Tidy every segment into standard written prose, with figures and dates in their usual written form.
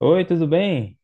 Oi, tudo bem?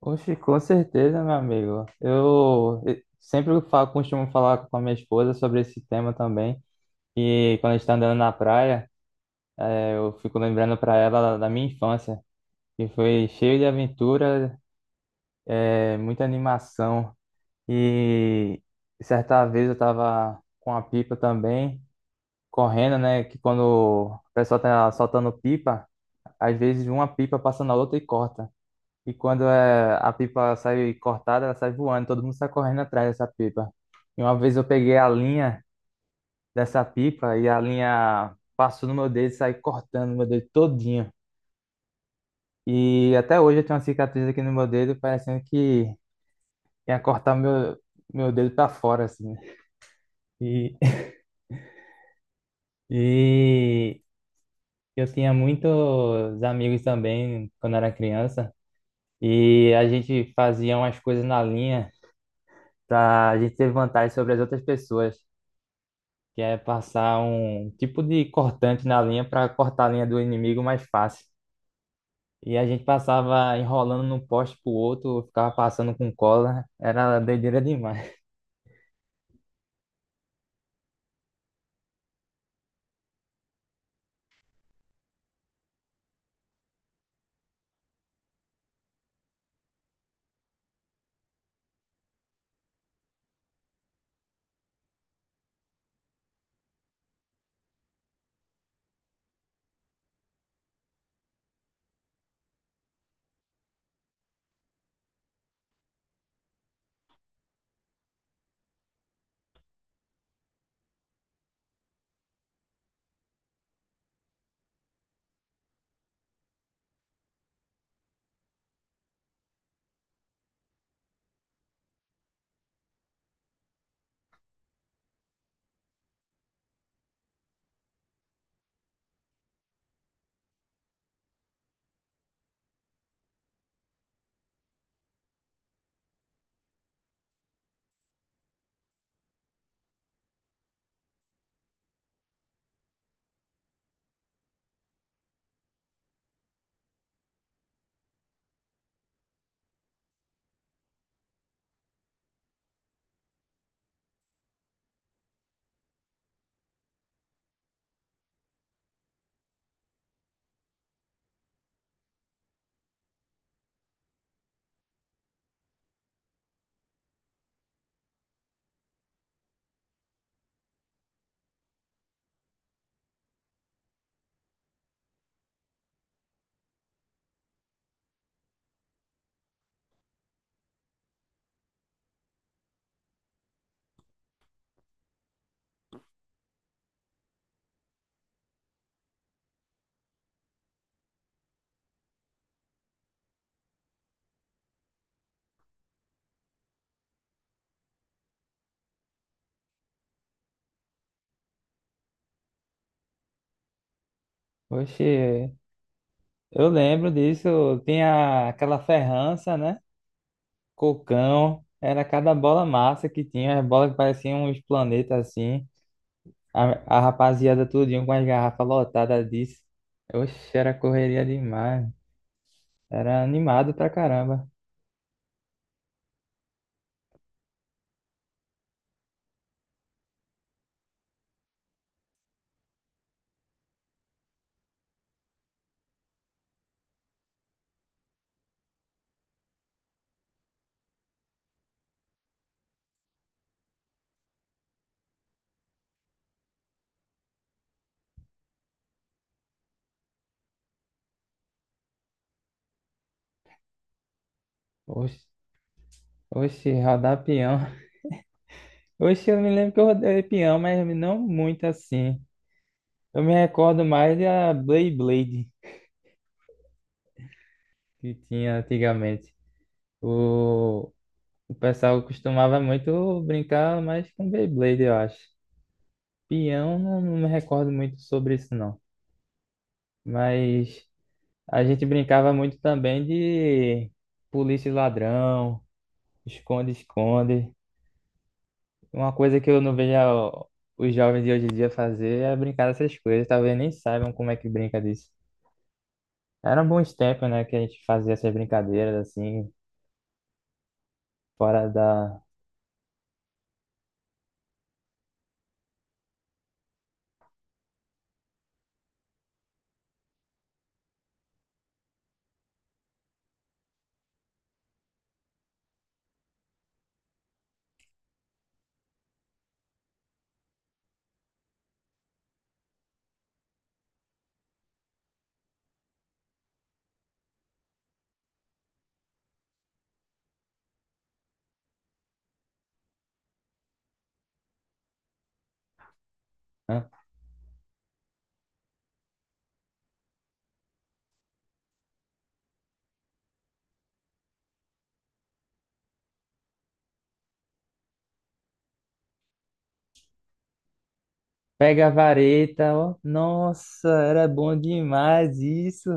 Oxe, com certeza, meu amigo. Eu sempre falo, costumo falar com a minha esposa sobre esse tema também. E quando a gente está andando na praia, eu fico lembrando para ela da minha infância, que foi cheio de aventura, muita animação. E certa vez eu tava com a pipa também, correndo, né? Que quando o pessoal tá soltando pipa, às vezes uma pipa passa na outra e corta. E quando é, a pipa sai cortada, ela sai voando, todo mundo sai correndo atrás dessa pipa. E uma vez eu peguei a linha dessa pipa e a linha passou no meu dedo e saiu cortando meu dedo todinho. E até hoje eu tenho uma cicatriz aqui no meu dedo, parecendo que ia cortar meu dedo para fora, assim. E, e eu tinha muitos amigos também quando era criança. E a gente fazia umas coisas na linha pra gente ter vantagem sobre as outras pessoas, que é passar um tipo de cortante na linha para cortar a linha do inimigo mais fácil. E a gente passava enrolando num poste pro outro, ficava passando com cola, era doideira demais. Oxe, eu lembro disso, tinha aquela ferrança, né? Cocão, era cada bola massa que tinha, as bolas que pareciam uns planetas assim. A rapaziada tudinho com as garrafas lotadas disso. Oxe, era correria demais. Era animado pra caramba. Oxe. Oxi, rodar peão. Oxi, eu me lembro que eu rodei peão, mas não muito assim. Eu me recordo mais da Beyblade que tinha antigamente. O, o pessoal costumava muito brincar mais com Beyblade, eu acho. Peão, não, me recordo muito sobre isso, não. Mas a gente brincava muito também de polícia e ladrão, esconde-esconde. Uma coisa que eu não vejo os jovens de hoje em dia fazer é brincar dessas coisas. Talvez nem saibam como é que brinca disso. Eram bons tempos, né, que a gente fazia essas brincadeiras assim, fora da. Né? Pega a vareta, ó. Nossa, era bom demais isso.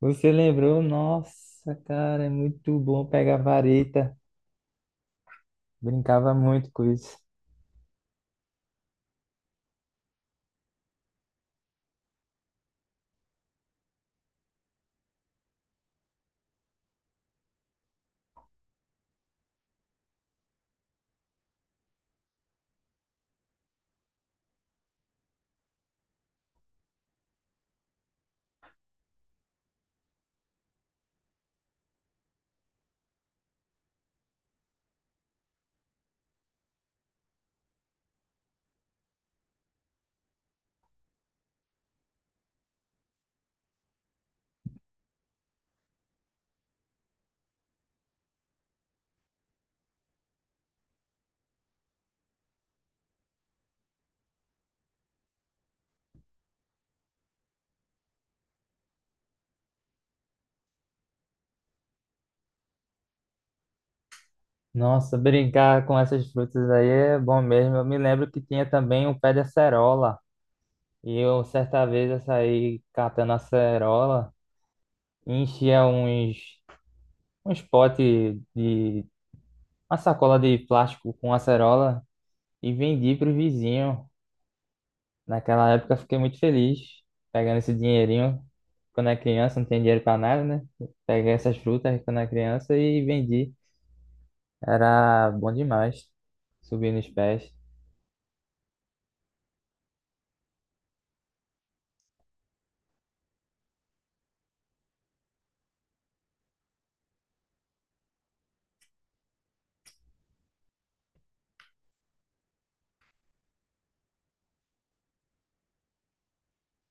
Você lembrou? Nossa, cara, é muito bom pegar a vareta. Brincava muito com isso. Nossa, brincar com essas frutas aí é bom mesmo. Eu me lembro que tinha também o pé de acerola. E eu, certa vez, eu saí catando acerola e enchia uns potes de uma sacola de plástico com acerola e vendi para o vizinho. Naquela época, eu fiquei muito feliz pegando esse dinheirinho. Quando é criança, não tem dinheiro para nada, né? Peguei essas frutas quando é criança e vendi. Era bom demais, subir nos pés.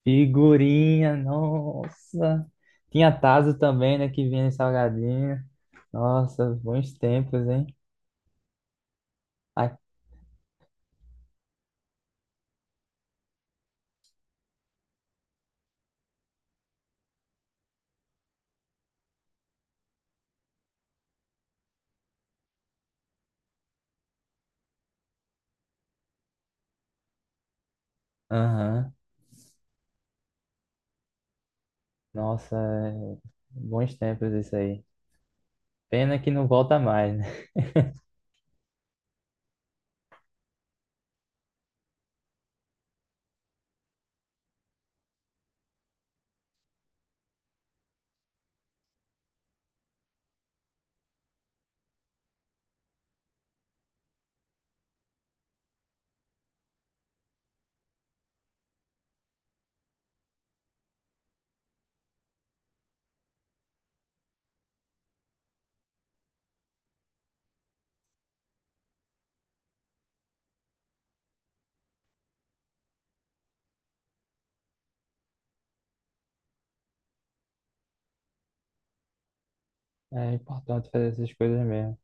Figurinha, nossa. Tinha Tazo também, né? Que vinha em salgadinho. Nossa, bons tempos, hein? A- Aham. Nossa, é, bons tempos isso aí. Pena que não volta mais, né? É importante fazer essas coisas mesmo.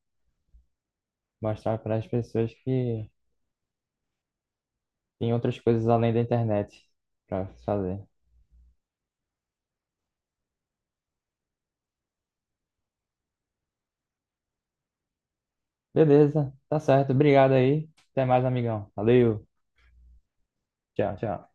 Mostrar para as pessoas que tem outras coisas além da internet para fazer. Beleza, tá certo. Obrigado aí. Até mais, amigão. Valeu. Tchau, tchau.